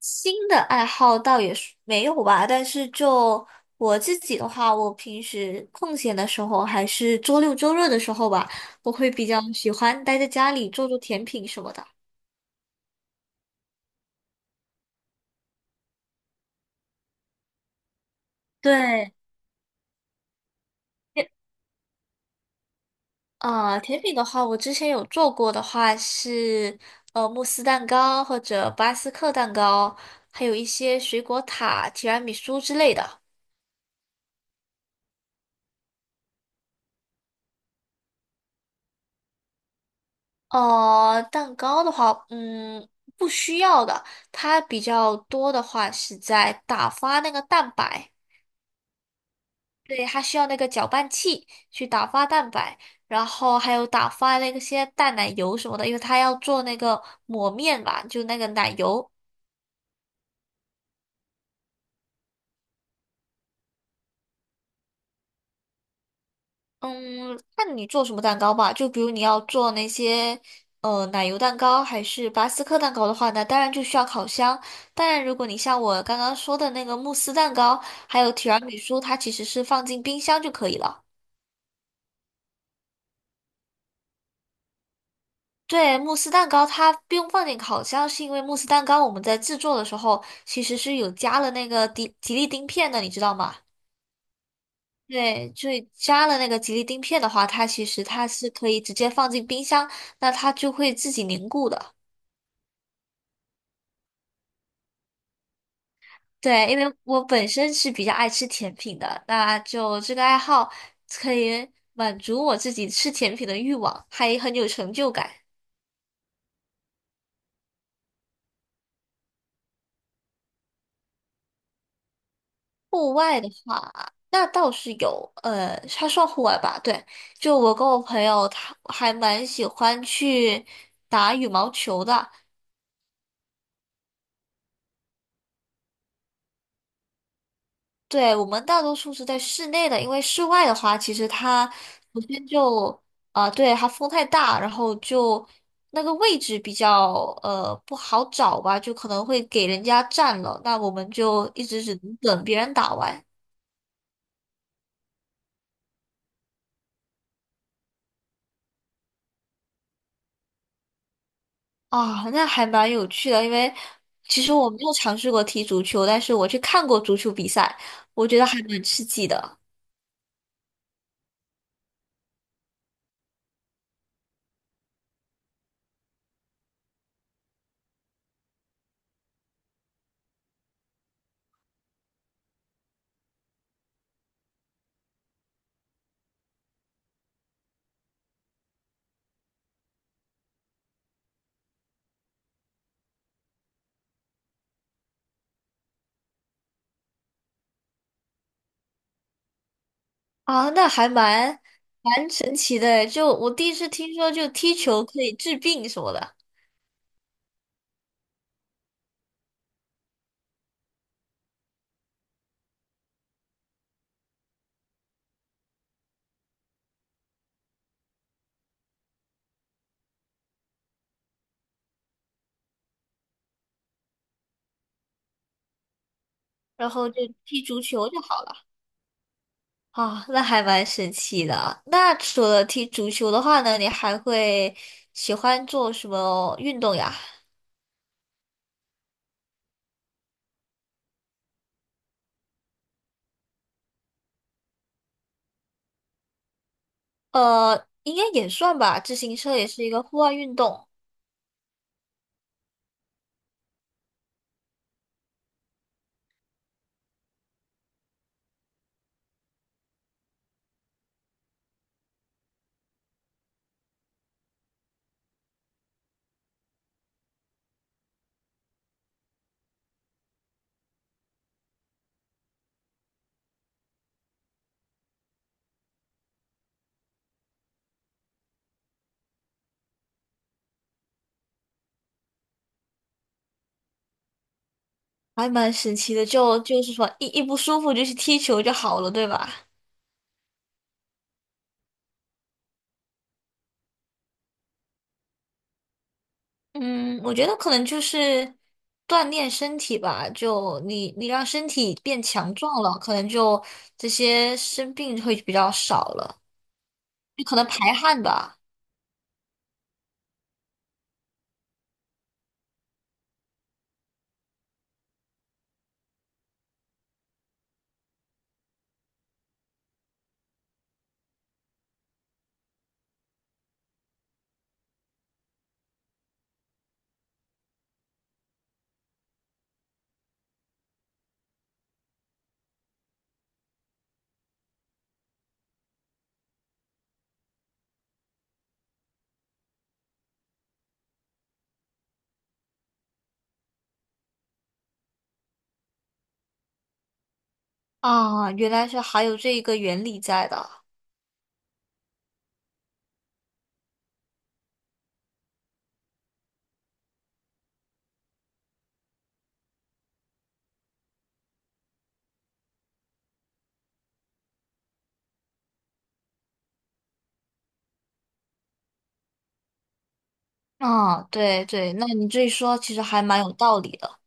新的爱好倒也是没有吧，但是就我自己的话，我平时空闲的时候，还是周六周日的时候吧，我会比较喜欢待在家里做做甜品什么的。对，甜甜品的话，我之前有做过的话是慕斯蛋糕或者巴斯克蛋糕，还有一些水果塔、提拉米苏之类的。蛋糕的话，嗯，不需要的。它比较多的话是在打发那个蛋白，对，它需要那个搅拌器去打发蛋白，然后还有打发那些淡奶油什么的，因为它要做那个抹面嘛，就那个奶油。嗯，看你做什么蛋糕吧。就比如你要做那些奶油蛋糕还是巴斯克蛋糕的话，那当然就需要烤箱。当然，如果你像我刚刚说的那个慕斯蛋糕，还有提拉米苏，它其实是放进冰箱就可以了。对，慕斯蛋糕它不用放进烤箱，是因为慕斯蛋糕我们在制作的时候其实是有加了那个吉利丁片的，你知道吗？对，就以加了那个吉利丁片的话，它其实它是可以直接放进冰箱，那它就会自己凝固的。对，因为我本身是比较爱吃甜品的，那就这个爱好可以满足我自己吃甜品的欲望，还很有成就感。户外的话，那倒是有，它算户外吧？对，就我跟我朋友，他还蛮喜欢去打羽毛球的。对，我们大多数是在室内的，因为室外的话，其实它首先就啊、对，它风太大，然后就那个位置比较不好找吧，就可能会给人家占了，那我们就一直只能等别人打完。啊，那还蛮有趣的，因为其实我没有尝试过踢足球，但是我去看过足球比赛，我觉得还蛮刺激的。啊，那还蛮神奇的诶，就我第一次听说就踢球可以治病什么的。然后就踢足球就好了。啊，那还蛮神奇的。那除了踢足球的话呢，你还会喜欢做什么运动呀？应该也算吧，自行车也是一个户外运动，还蛮神奇的。就是说，一不舒服就去踢球就好了，对吧？嗯，我觉得可能就是锻炼身体吧，就你你让身体变强壮了，可能就这些生病会比较少了，就可能排汗吧。啊，原来是还有这一个原理在的。啊，对对，那你这一说其实还蛮有道理的。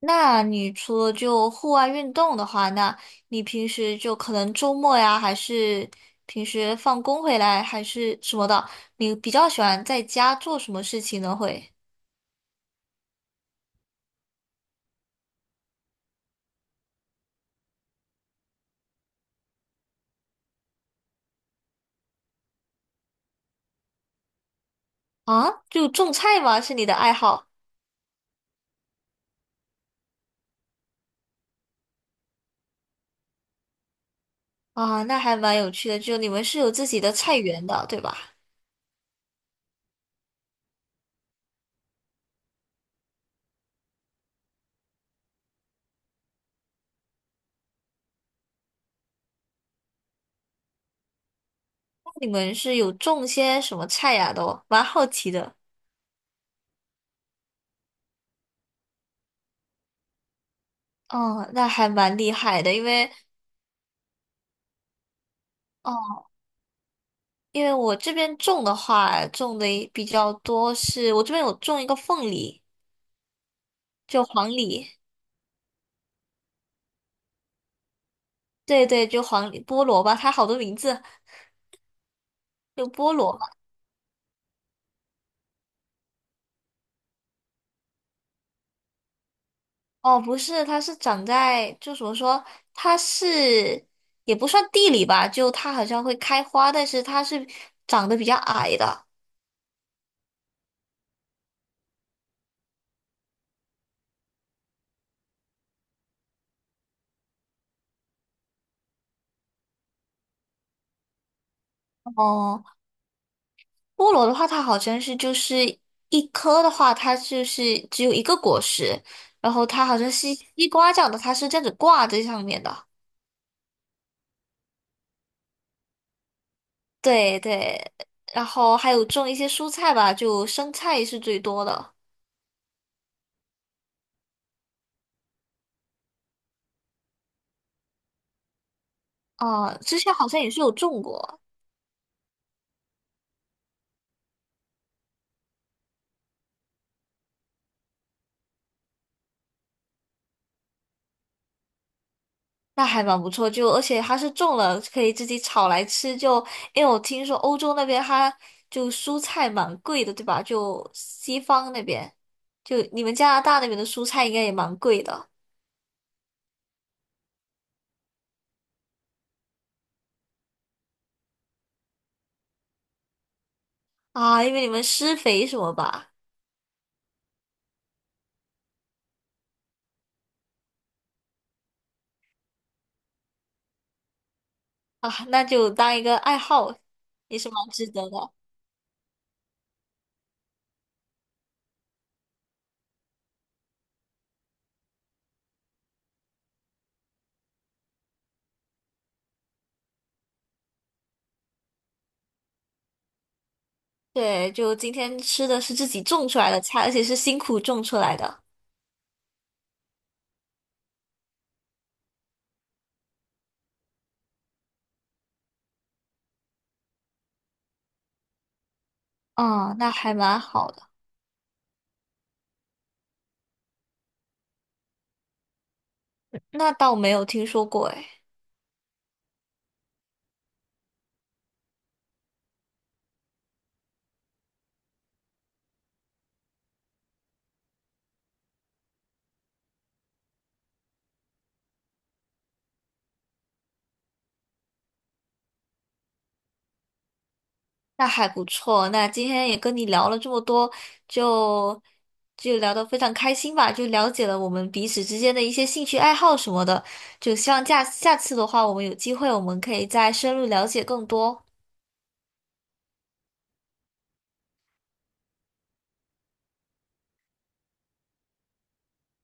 那你除了就户外运动的话，那你平时就可能周末呀，还是平时放工回来，还是什么的，你比较喜欢在家做什么事情呢？会啊，就种菜吗？是你的爱好啊？那还蛮有趣的。就你们是有自己的菜园的，对吧？那你们是有种些什么菜呀？都蛮好奇的。哦，那还蛮厉害的，因为哦，因为我这边种的话，种的比较多是，我这边有种一个凤梨，就黄梨，对对，就黄梨菠萝吧，它好多名字，就菠萝吧。哦，不是，它是长在，就怎么说，它是也不算地里吧，就它好像会开花，但是它是长得比较矮的。哦。菠萝的话，它好像是就是一颗的话，它就是只有一个果实，然后它好像是西瓜这样的，它是这样子挂在上面的。对对，然后还有种一些蔬菜吧，就生菜是最多的。啊，之前好像也是有种过，那还蛮不错。就而且它是种了，可以自己炒来吃。就因为我听说欧洲那边它就蔬菜蛮贵的，对吧？就西方那边，就你们加拿大那边的蔬菜应该也蛮贵的。啊，因为你们施肥什么吧？啊，那就当一个爱好，也是蛮值得的。对，就今天吃的是自己种出来的菜，而且是辛苦种出来的。嗯，那还蛮好的。那倒没有听说过，诶，那还不错。那今天也跟你聊了这么多，就就聊得非常开心吧，就了解了我们彼此之间的一些兴趣爱好什么的。就希望下下次的话，我们有机会，我们可以再深入了解更多。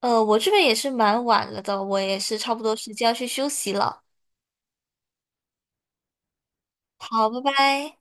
我这边也是蛮晚了的，我也是差不多时间要去休息了。好，拜拜。